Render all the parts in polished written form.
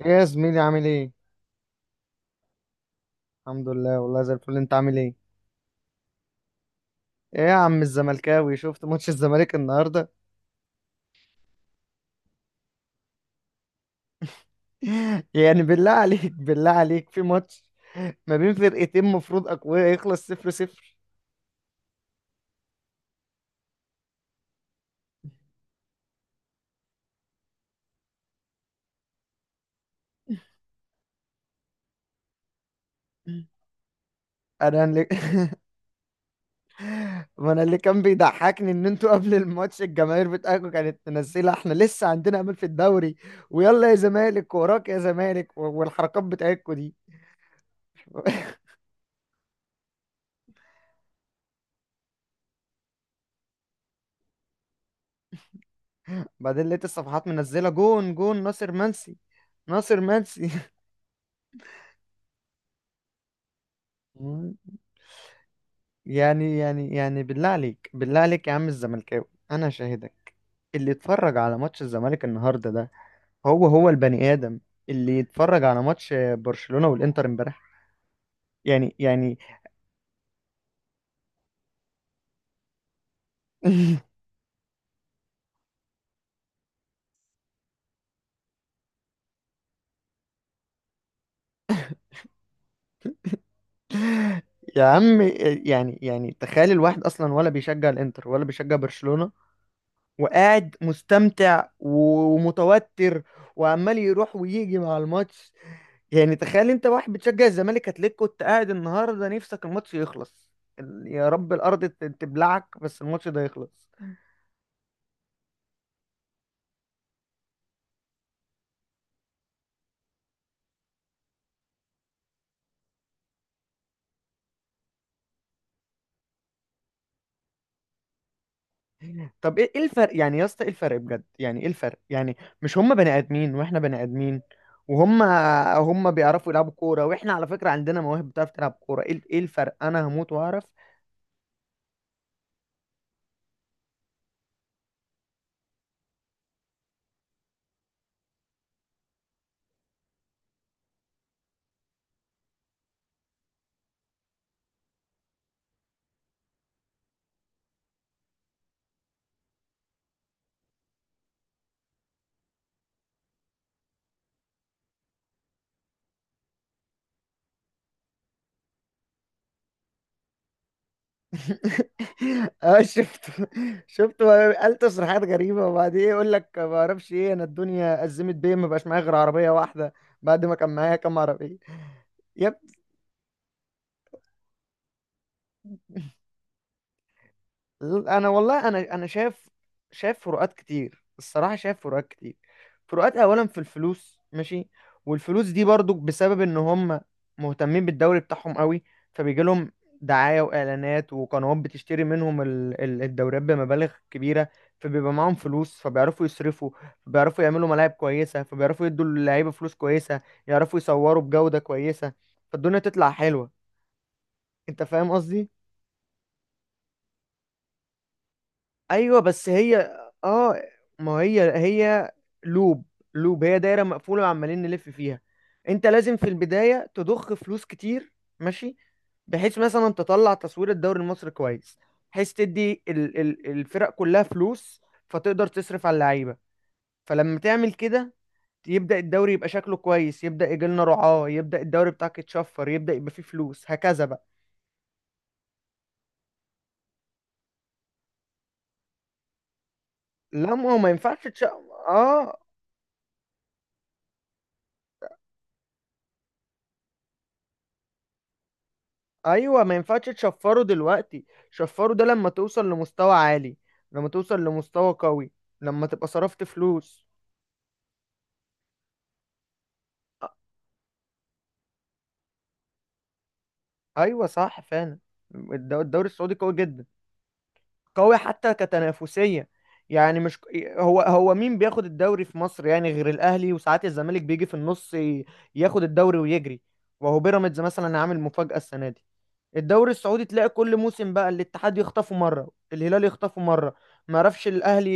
ايه يا زميلي، عامل ايه؟ الحمد لله، والله زي الفل. انت عامل ايه؟ ايه يا عم الزملكاوي، شفت ماتش الزمالك النهارده؟ يعني بالله عليك في ماتش ما بين فرقتين مفروض اقوياء يخلص صفر صفر؟ انا اللي ما انا اللي كان بيضحكني ان انتوا قبل الماتش الجماهير بتاعكم كانت منزله احنا لسه عندنا امل في الدوري، ويلا يا زمالك وراك يا زمالك، والحركات بتاعتكم دي. بعدين لقيت الصفحات منزله جون جون ناصر منسي، ناصر منسي. يعني بالله عليك يا عم الزملكاوي. انا شاهدك، اللي اتفرج على ماتش الزمالك النهارده ده هو البني ادم اللي يتفرج على ماتش برشلونة والانتر امبارح؟ يعني يا عم، يعني تخيل الواحد اصلا ولا بيشجع الانتر ولا بيشجع برشلونة، وقاعد مستمتع ومتوتر وعمال يروح ويجي مع الماتش. يعني تخيل انت واحد بتشجع الزمالك، هتلاقيك كنت قاعد النهارده نفسك الماتش يخلص. يا رب الارض تبلعك بس الماتش ده يخلص. طب ايه، ايه الفرق يعني يا اسطى ايه الفرق بجد؟ يعني ايه الفرق يعني؟ مش هم بني ادمين واحنا بني ادمين؟ وهم بيعرفوا يلعبوا كوره واحنا على فكره عندنا مواهب بتعرف تلعب كوره. ايه، ايه انا هموت واعرف. اه شفت بقى، قال تصريحات غريبه، وبعدين يقول لك ما اعرفش ايه، انا الدنيا ازمت بيا، ما بقاش معايا غير عربيه واحده بعد ما كان معايا كام عربيه. يب، انا والله انا شايف، شايف فروقات كتير الصراحه، شايف فروقات كتير. فروقات اولا في الفلوس، ماشي، والفلوس دي برضو بسبب ان هم مهتمين بالدوري بتاعهم قوي، فبيجي لهم دعايه واعلانات وقنوات بتشتري منهم الدوريات بمبالغ كبيره، فبيبقى معاهم فلوس فبيعرفوا يصرفوا، فبيعرفوا يعملوا ملاعب كويسه، فبيعرفوا يدوا اللعيبه فلوس كويسه، يعرفوا يصوروا بجوده كويسه، فالدنيا تطلع حلوه. انت فاهم قصدي؟ ايوه بس هي، اه، ما هي لوب لوب هي دايره مقفوله وعمالين نلف فيها. انت لازم في البدايه تضخ فلوس كتير، ماشي، بحيث مثلا تطلع تصوير الدوري المصري كويس، بحيث تدي ال الفرق كلها فلوس، فتقدر تصرف على اللعيبه. فلما تعمل كده يبدا الدوري يبقى شكله كويس، يبدا يجي لنا رعاه، يبدا الدوري بتاعك يتشفر، يبدا يبقى فيه فلوس هكذا بقى. لا ما هو ما ينفعش اه، ايوه ما ينفعش تشفره دلوقتي. شفره ده لما توصل لمستوى عالي، لما توصل لمستوى قوي، لما تبقى صرفت فلوس. أ- ايوه صح فعلا. الدوري السعودي قوي جدا، قوي حتى كتنافسية، يعني مش هو مين بياخد الدوري في مصر يعني غير الاهلي؟ وساعات الزمالك بيجي في النص ياخد الدوري ويجري. وهو بيراميدز مثلا عامل مفاجأة السنة دي. الدوري السعودي تلاقي كل موسم بقى الاتحاد يخطفه مره، الهلال يخطفه مره، ما عرفش الاهلي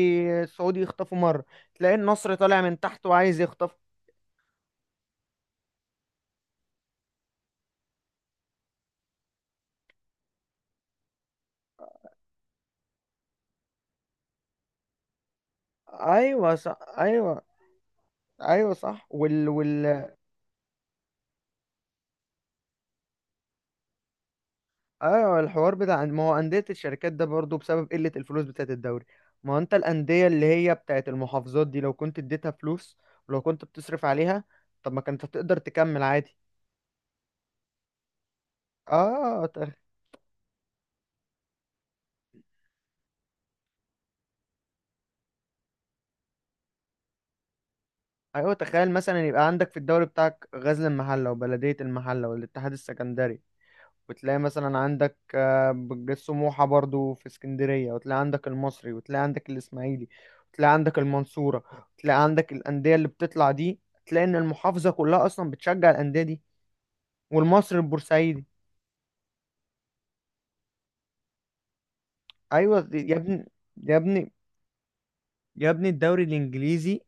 السعودي يخطفه مره، تلاقي النصر طالع من تحت وعايز يخطف. ايوه صح، ايوه، ايوه صح. وال وال ايوه الحوار بتاع، ما هو انديه الشركات ده برضو بسبب قله الفلوس بتاعت الدوري. ما هو انت الانديه اللي هي بتاعت المحافظات دي لو كنت اديتها فلوس، ولو كنت بتصرف عليها، طب ما كانت هتقدر تكمل عادي. اه ايوه، تخيل مثلا يبقى عندك في الدوري بتاعك غزل المحله وبلديه المحله والاتحاد السكندري، وتلاقي مثلا عندك سموحه برضو في اسكندريه، وتلاقي عندك المصري، وتلاقي عندك الاسماعيلي، وتلاقي عندك المنصوره، وتلاقي عندك الانديه اللي بتطلع دي. تلاقي ان المحافظه كلها اصلا بتشجع الانديه دي، والمصري البورسعيدي. ايوه يا ابني، يا ابني، يا ابني الدوري الانجليزي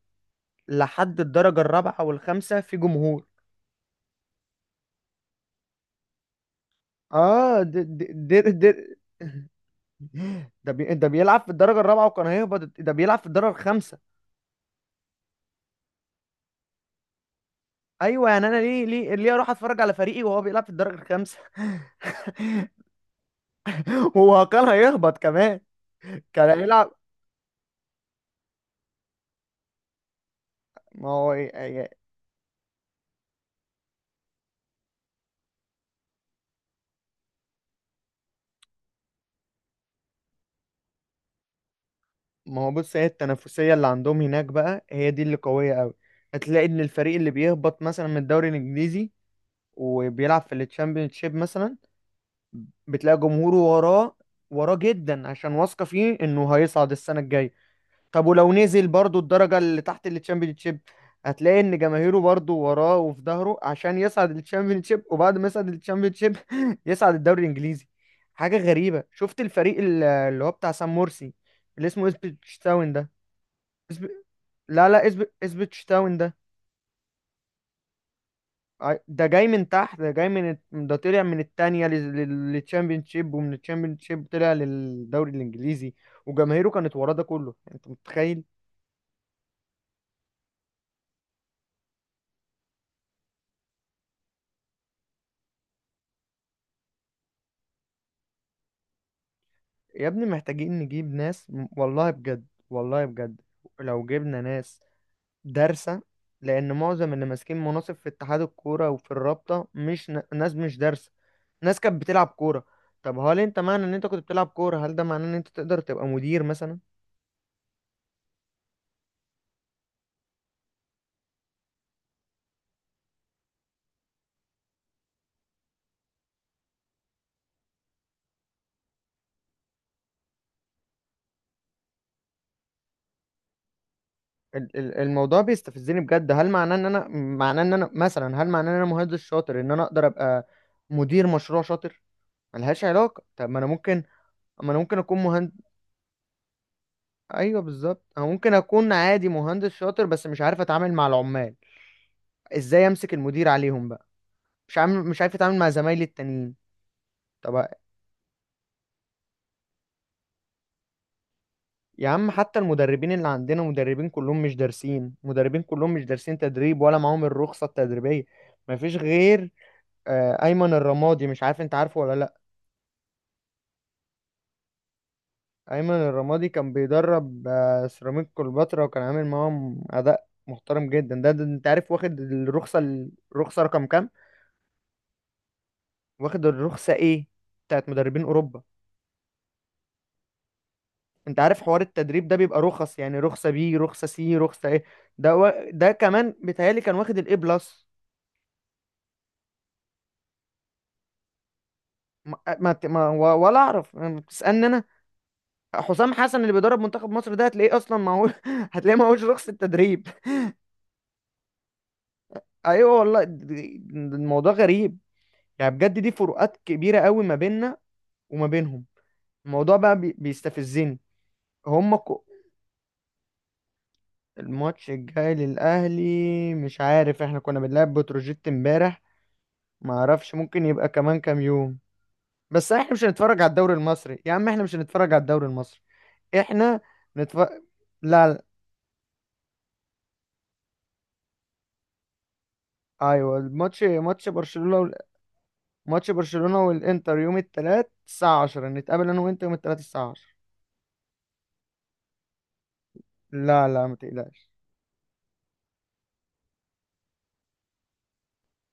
لحد الدرجه الرابعه والخامسه في جمهور. اه دي, ده بيلعب في الدرجة الرابعة وكان هيهبط، ده بيلعب في الدرجة الخامسة. ايوه يعني انا ليه، ليه اروح اتفرج على فريقي وهو بيلعب في الدرجة الخامسة؟ وهو كان هيهبط كمان، كان هيلعب. ما هو إيه، ما هو بص هي التنافسية اللي عندهم هناك بقى هي دي اللي قوية قوي. هتلاقي ان الفريق اللي بيهبط مثلا من الدوري الانجليزي وبيلعب في الشامبيونشيب مثلا، بتلاقي جمهوره وراه، وراه جدا، عشان واثقة فيه انه هيصعد السنة الجاية. طب ولو نزل برضو الدرجة اللي تحت الشيب، هتلاقي ان جماهيره برضو وراه وفي ظهره عشان يصعد شيب، وبعد ما يصعد شيب يصعد الدوري الانجليزي. حاجة غريبة شفت الفريق اللي هو بتاع سام مرسي، اللي اسمه اسبتشتاون ده. اسب... لا لا، اسبتشتاون ده، ده جاي من تحت، ده طلع من التانية للتشامبيونشيب، ومن التشامبيونشيب طلع للدوري الانجليزي، وجماهيره كانت وراه ده كله. انت متخيل؟ يا ابني محتاجين نجيب ناس والله بجد، والله بجد لو جبنا ناس دارسة، لأن معظم اللي ماسكين مناصب في اتحاد الكورة وفي الرابطة مش ناس مش دارسة، ناس كانت بتلعب كورة. طب هل انت معنى ان انت كنت بتلعب كورة هل ده معناه ان انت تقدر تبقى مدير مثلا؟ الموضوع بيستفزني بجد. هل معناه ان انا، معناه ان انا مثلا هل معناه ان انا مهندس شاطر ان انا اقدر ابقى مدير مشروع شاطر؟ ملهاش علاقة. طب ما انا ممكن، ما انا ممكن اكون مهندس. ايوه بالظبط، انا ممكن اكون عادي مهندس شاطر بس مش عارف اتعامل مع العمال، ازاي امسك المدير عليهم بقى؟ مش عامل، مش عارف اتعامل مع زمايلي التانيين. طب يا عم حتى المدربين اللي عندنا مدربين كلهم مش دارسين، مدربين كلهم مش دارسين تدريب ولا معاهم الرخصة التدريبية. مفيش غير ايمن الرمادي، مش عارف انت عارفه ولا لا. ايمن الرمادي كان بيدرب سيراميك كليوباترا، وكان عامل معاهم اداء محترم جدا. ده انت عارف واخد الرخصة، الرخصة رقم كام؟ واخد الرخصة ايه؟ بتاعت مدربين اوروبا. انت عارف حوار التدريب ده بيبقى رخص؟ يعني رخصة بي، رخصة سي، رخصة ايه. ده، ده كمان بيتهيألي كان واخد الاي بلس. ما... ما... ت- ما... و- ولا اعرف، يعني بتسألني انا؟ حسام حسن اللي بيدرب منتخب مصر ده هتلاقيه اصلا معهوش هتلاقيه معهوش رخصة تدريب. ايوه والله، الموضوع غريب. يعني بجد دي فروقات كبيرة قوي ما بيننا وما بينهم. الموضوع بقى بيستفزني. هم الماتش الجاي للأهلي مش عارف، احنا كنا بنلعب بتروجيت امبارح، ما اعرفش ممكن يبقى كمان كام يوم. بس احنا مش هنتفرج على الدوري المصري يا عم، احنا مش هنتفرج على الدوري المصري، احنا نتفرج. لا لا، ايوه الماتش، ماتش برشلونة ماتش برشلونة والانتر يوم الثلاث الساعة 10، نتقابل انا وانت يوم الثلاث الساعة 10. لا لا ما تقلقش.